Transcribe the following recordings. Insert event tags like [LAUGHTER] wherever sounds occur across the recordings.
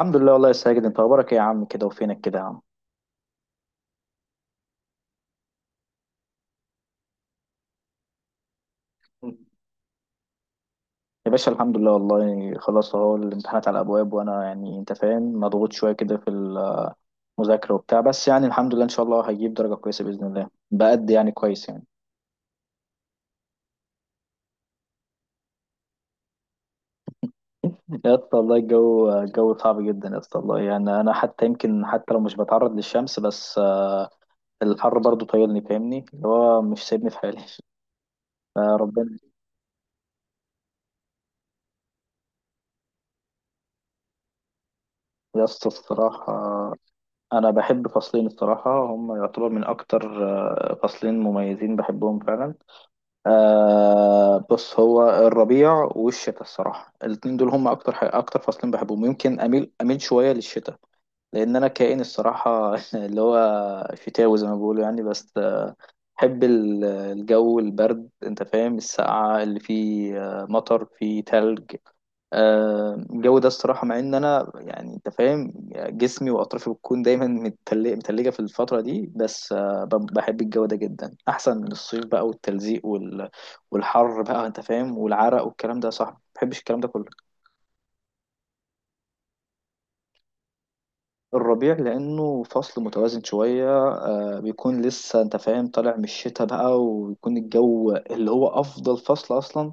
الحمد لله والله يا ساجد، انت اخبارك ايه يا عم؟ كده وفينك كده يا عم؟ يا باشا الحمد لله والله. خلاص اهو الامتحانات على الابواب، وانا يعني انت فاهم مضغوط شويه كده في المذاكره وبتاع. بس يعني الحمد لله ان شاء الله هجيب درجه كويسه باذن الله بقد يعني كويس يعني. يا اسطى والله الجو صعب جدا يا اسطى. والله يعني انا حتى يمكن حتى لو مش بتعرض للشمس، بس الحر برضو طايلني، فاهمني اللي هو مش سايبني في حالي. [LAUGHS] آه، ربنا. يا اسطى الصراحه، انا بحب فصلين الصراحه، هم يعتبر من اكتر فصلين مميزين بحبهم فعلا. بص، هو الربيع والشتاء الصراحه. الاتنين دول هم اكتر حاجة، اكتر فصلين بحبهم. يمكن اميل شويه للشتاء، لان انا كائن الصراحه، [LAUGHS] اللي هو شتاوي زي ما بيقولوا يعني. بس بحب الجو البرد، انت فاهم السقعه اللي فيه، مطر فيه تلج. الجو ده الصراحه، مع ان انا يعني انت فاهم جسمي واطرافي بتكون دايما متلجه في الفتره دي. بس بحب الجو ده جدا احسن من الصيف بقى، والتلزيق والحر بقى انت فاهم، والعرق والكلام ده. صح، ما بحبش الكلام ده كله. الربيع لأنه فصل متوازن شوية، بيكون لسه أنت فاهم طالع من الشتاء بقى، ويكون الجو اللي هو أفضل فصل أصلا.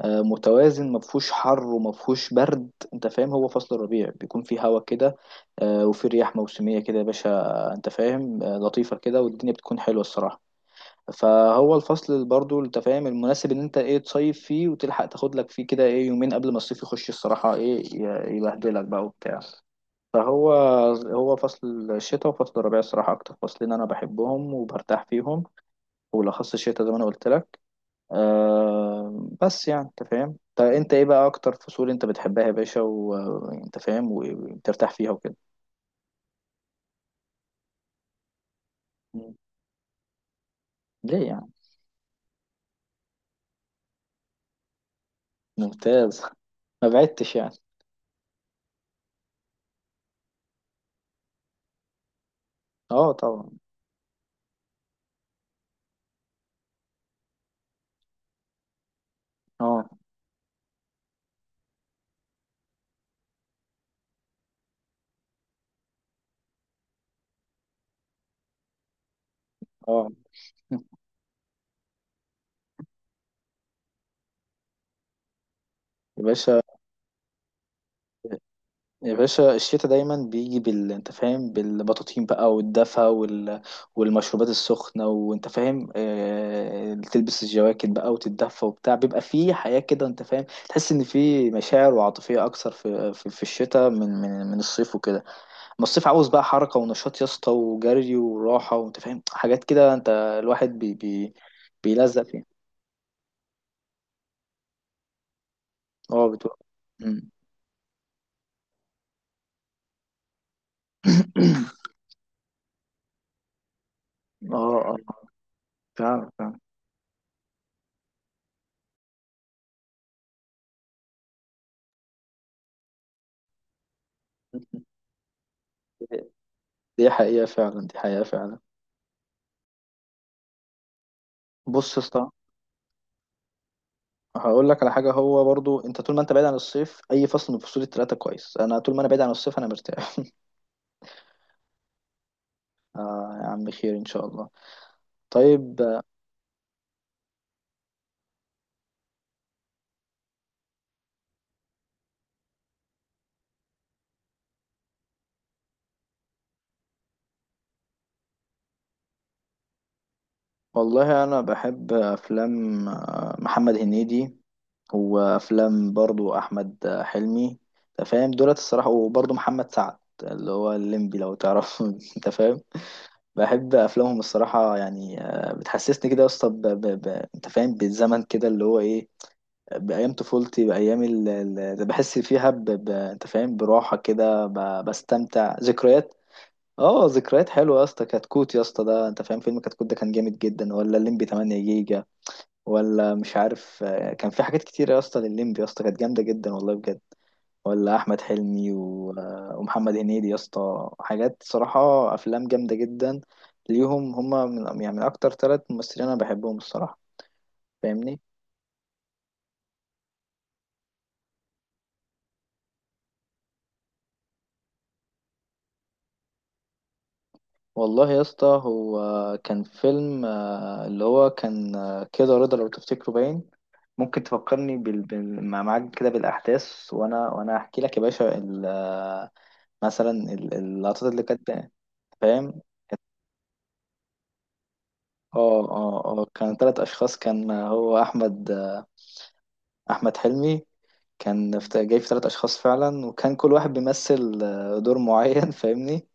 متوازن، مفهوش حر ومفهوش برد، أنت فاهم هو فصل الربيع بيكون فيه هوا كده. وفيه رياح موسمية كده يا باشا، أنت فاهم، لطيفة كده، والدنيا بتكون حلوة الصراحة. فهو الفصل اللي برضه أنت فاهم المناسب، إن أنت إيه تصيف فيه وتلحق تاخد لك فيه كده إيه يومين قبل ما الصيف يخش الصراحة إيه يبهدلك بقى وبتاع. فهو هو فصل الشتاء وفصل الربيع الصراحة أكتر فصلين أنا بحبهم وبرتاح فيهم، وبالأخص الشتاء زي ما أنا قلت لك. بس يعني أنت فاهم. طب أنت إيه بقى أكتر فصول أنت بتحبها يا باشا، وأنت فاهم وبترتاح فيها وكده؟ مم. ليه يعني؟ ممتاز. ما بعدتش يعني. أه، طبعا. أه، أه، يا باشا، يا باشا، الشتاء دايما بيجي انت فاهم بالبطاطين بقى والدفا والمشروبات السخنة، وانت فاهم تلبس الجواكت بقى وتتدفى وبتاع. بيبقى فيه حياة كده انت فاهم، تحس ان فيه مشاعر وعاطفية اكثر في الشتاء، من الصيف وكده. اما الصيف عاوز بقى حركة ونشاط يا اسطى، وجري وراحة وانت فاهم حاجات كده، انت الواحد بيلزق فيها. اه بتبقى. مم. [COUGHS] اه، اه، فعلا فعلا. دي حقيقة فعلا، دي حقيقة فعلا. بص يا اسطى، هقول لك على حاجه، هو برضو انت طول ما انت بعيد عن الصيف اي فصل من فصول الثلاثه كويس. انا طول ما انا بعيد عن الصيف انا مرتاح. [LAUGHS] يا عم خير ان شاء الله. طيب، والله انا بحب افلام محمد هنيدي، وافلام برضو احمد حلمي، انت فاهم دولت الصراحه، وبرضو محمد سعد اللي هو الليمبي لو تعرف. [LAUGHS] انت فاهم، بحب افلامهم الصراحه يعني. بتحسسني كده يا اسطى، انت فاهم بالزمن كده، اللي هو ايه، بأيام طفولتي، بأيام اللي بحس فيها أنت فاهم براحة كده، بستمتع ذكريات. اه، ذكريات حلوة يا اسطى. كتكوت يا اسطى، ده أنت فاهم فيلم كتكوت ده كان جامد جدا، ولا الليمبي 8 جيجا، ولا مش عارف. كان في حاجات كتير يا اسطى، للليمبي يا اسطى كانت جامدة جدا والله بجد. ولا أحمد حلمي و... آه، ومحمد هنيدي يا اسطى، حاجات صراحة أفلام جامدة جدا، ليهم. هما من يعني من أكتر ثلاث ممثلين أنا بحبهم الصراحة، فاهمني. والله يا اسطى، هو كان فيلم اللي هو كان كده رضا لو تفتكره باين. ممكن تفكرني معاك كده بالأحداث، وأنا أحكي لك يا باشا ال... آه، مثلا اللقطات اللي كانت، فاهم؟ اه، اه، اه، كان ثلاث أشخاص، كان هو أحمد أحمد حلمي. كان جاي في ثلاث أشخاص فعلا، وكان كل واحد بيمثل دور معين فاهمني.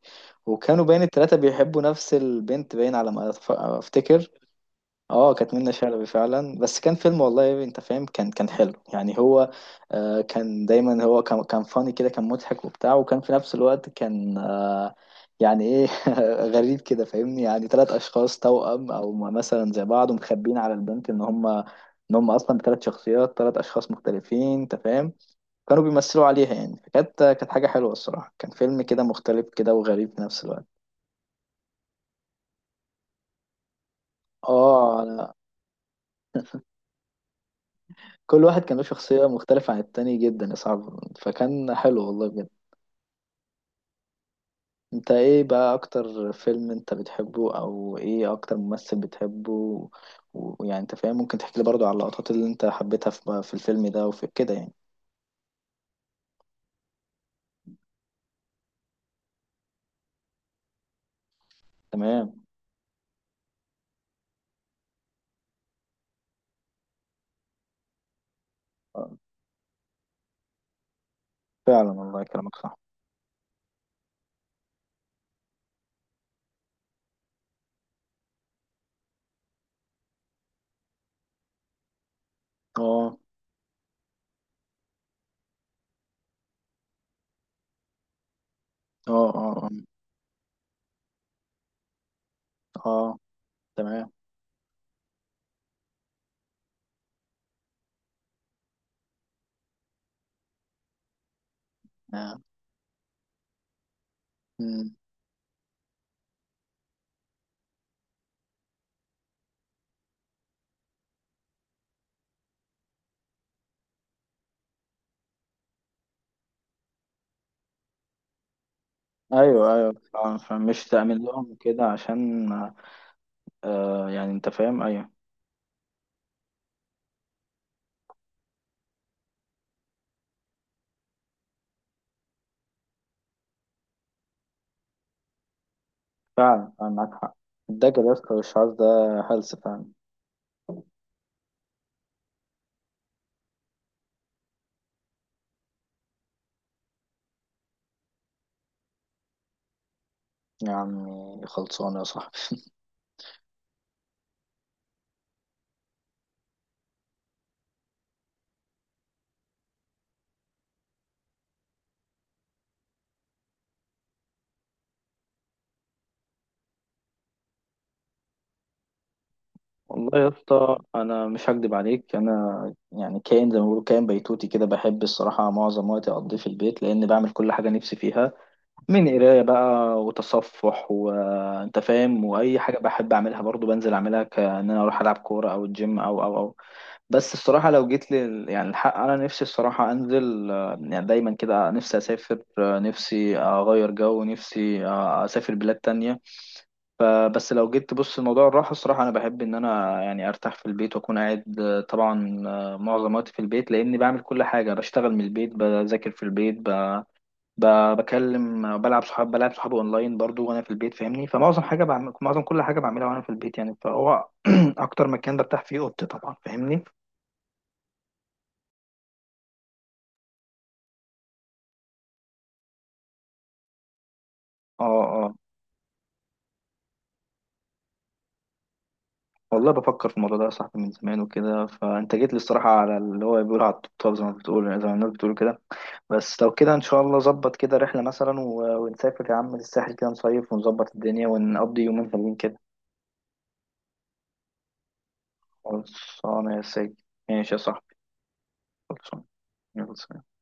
وكانوا باين التلاتة بيحبوا نفس البنت، باين على ما أفتكر. اه، كانت منة شلبي فعلا. بس كان فيلم والله انت فاهم، كان حلو يعني. هو كان دايما، هو كان فاني كده، كان مضحك وبتاع، وكان في نفس الوقت كان يعني ايه. [LAUGHS] غريب كده فاهمني، يعني ثلاث اشخاص توأم او مثلا زي بعض، ومخبين على البنت ان هم اصلا بثلاث شخصيات، ثلاث اشخاص مختلفين انت فاهم. كانوا بيمثلوا عليها يعني. فكانت حاجة حلوة الصراحة، كان فيلم كده مختلف كده وغريب في نفس الوقت. اه، انا [LAUGHS] كل واحد كان له شخصية مختلفة عن التاني جدا، يا صعب فكان حلو والله بجد. انت ايه بقى اكتر فيلم انت بتحبه، او ايه اكتر ممثل بتحبه ويعني انت فاهم، ممكن تحكي لي برضو على اللقطات اللي انت حبيتها في الفيلم ده وفي كده يعني؟ تمام. آه، فعلا والله كلامك صح. اه، اه، اه، اه، آه، تمام آه. مم. ايوه، ايوه، فعلا فعلا. مش تأمن لهم كده عشان يعني انت فاهم، ايوه، فعلا فعلا معاك حق. الدجل يا اسطى والشعار ده هلس فعلا. يا عمي خلصانة يا صاحبي. [LAUGHS] والله يا اسطى أنا مش هكدب عليك، أنا يعني كائن زي ما بيقولوا، كائن بيتوتي كده، بحب الصراحة معظم وقتي أقضيه في البيت لأن بعمل كل حاجة نفسي فيها، من قراية بقى وتصفح وأنت فاهم، وأي حاجة بحب أعملها برضو بنزل أعملها، كأن أنا أروح ألعب كورة أو الجيم أو بس الصراحة لو جيت يعني الحق أنا نفسي الصراحة أنزل، يعني دايما كده نفسي أسافر، نفسي أغير جو، نفسي أسافر بلاد تانية. فبس لو جيت تبص لموضوع الراحة الصراحة، أنا بحب إن أنا يعني أرتاح في البيت وأكون قاعد، طبعا، معظم وقتي في البيت لأني بعمل كل حاجة، بشتغل من البيت، بذاكر في البيت، بكلم، بلعب بلعب صحابي أونلاين برضو وأنا في البيت فاهمني. فمعظم حاجة بعمل، معظم كل حاجة بعملها وأنا في البيت يعني. فهو [CLEARS THROAT] أكتر مكان برتاح فيه أوضتي طبعا، فاهمني. اه، آه. والله بفكر في الموضوع ده يا صاحبي من زمان وكده، فانت جيت لي الصراحه على اللي هو بيقول على الطبطاب، زي ما الناس بتقول كده. بس لو كده ان شاء الله ظبط كده رحله مثلا ونسافر يا عم للساحل كده، نصيف ونظبط الدنيا ونقضي يومين حلوين كده. خلصانه يا سيدي. ماشي يا صاحبي. خلصانه. يلا سلام.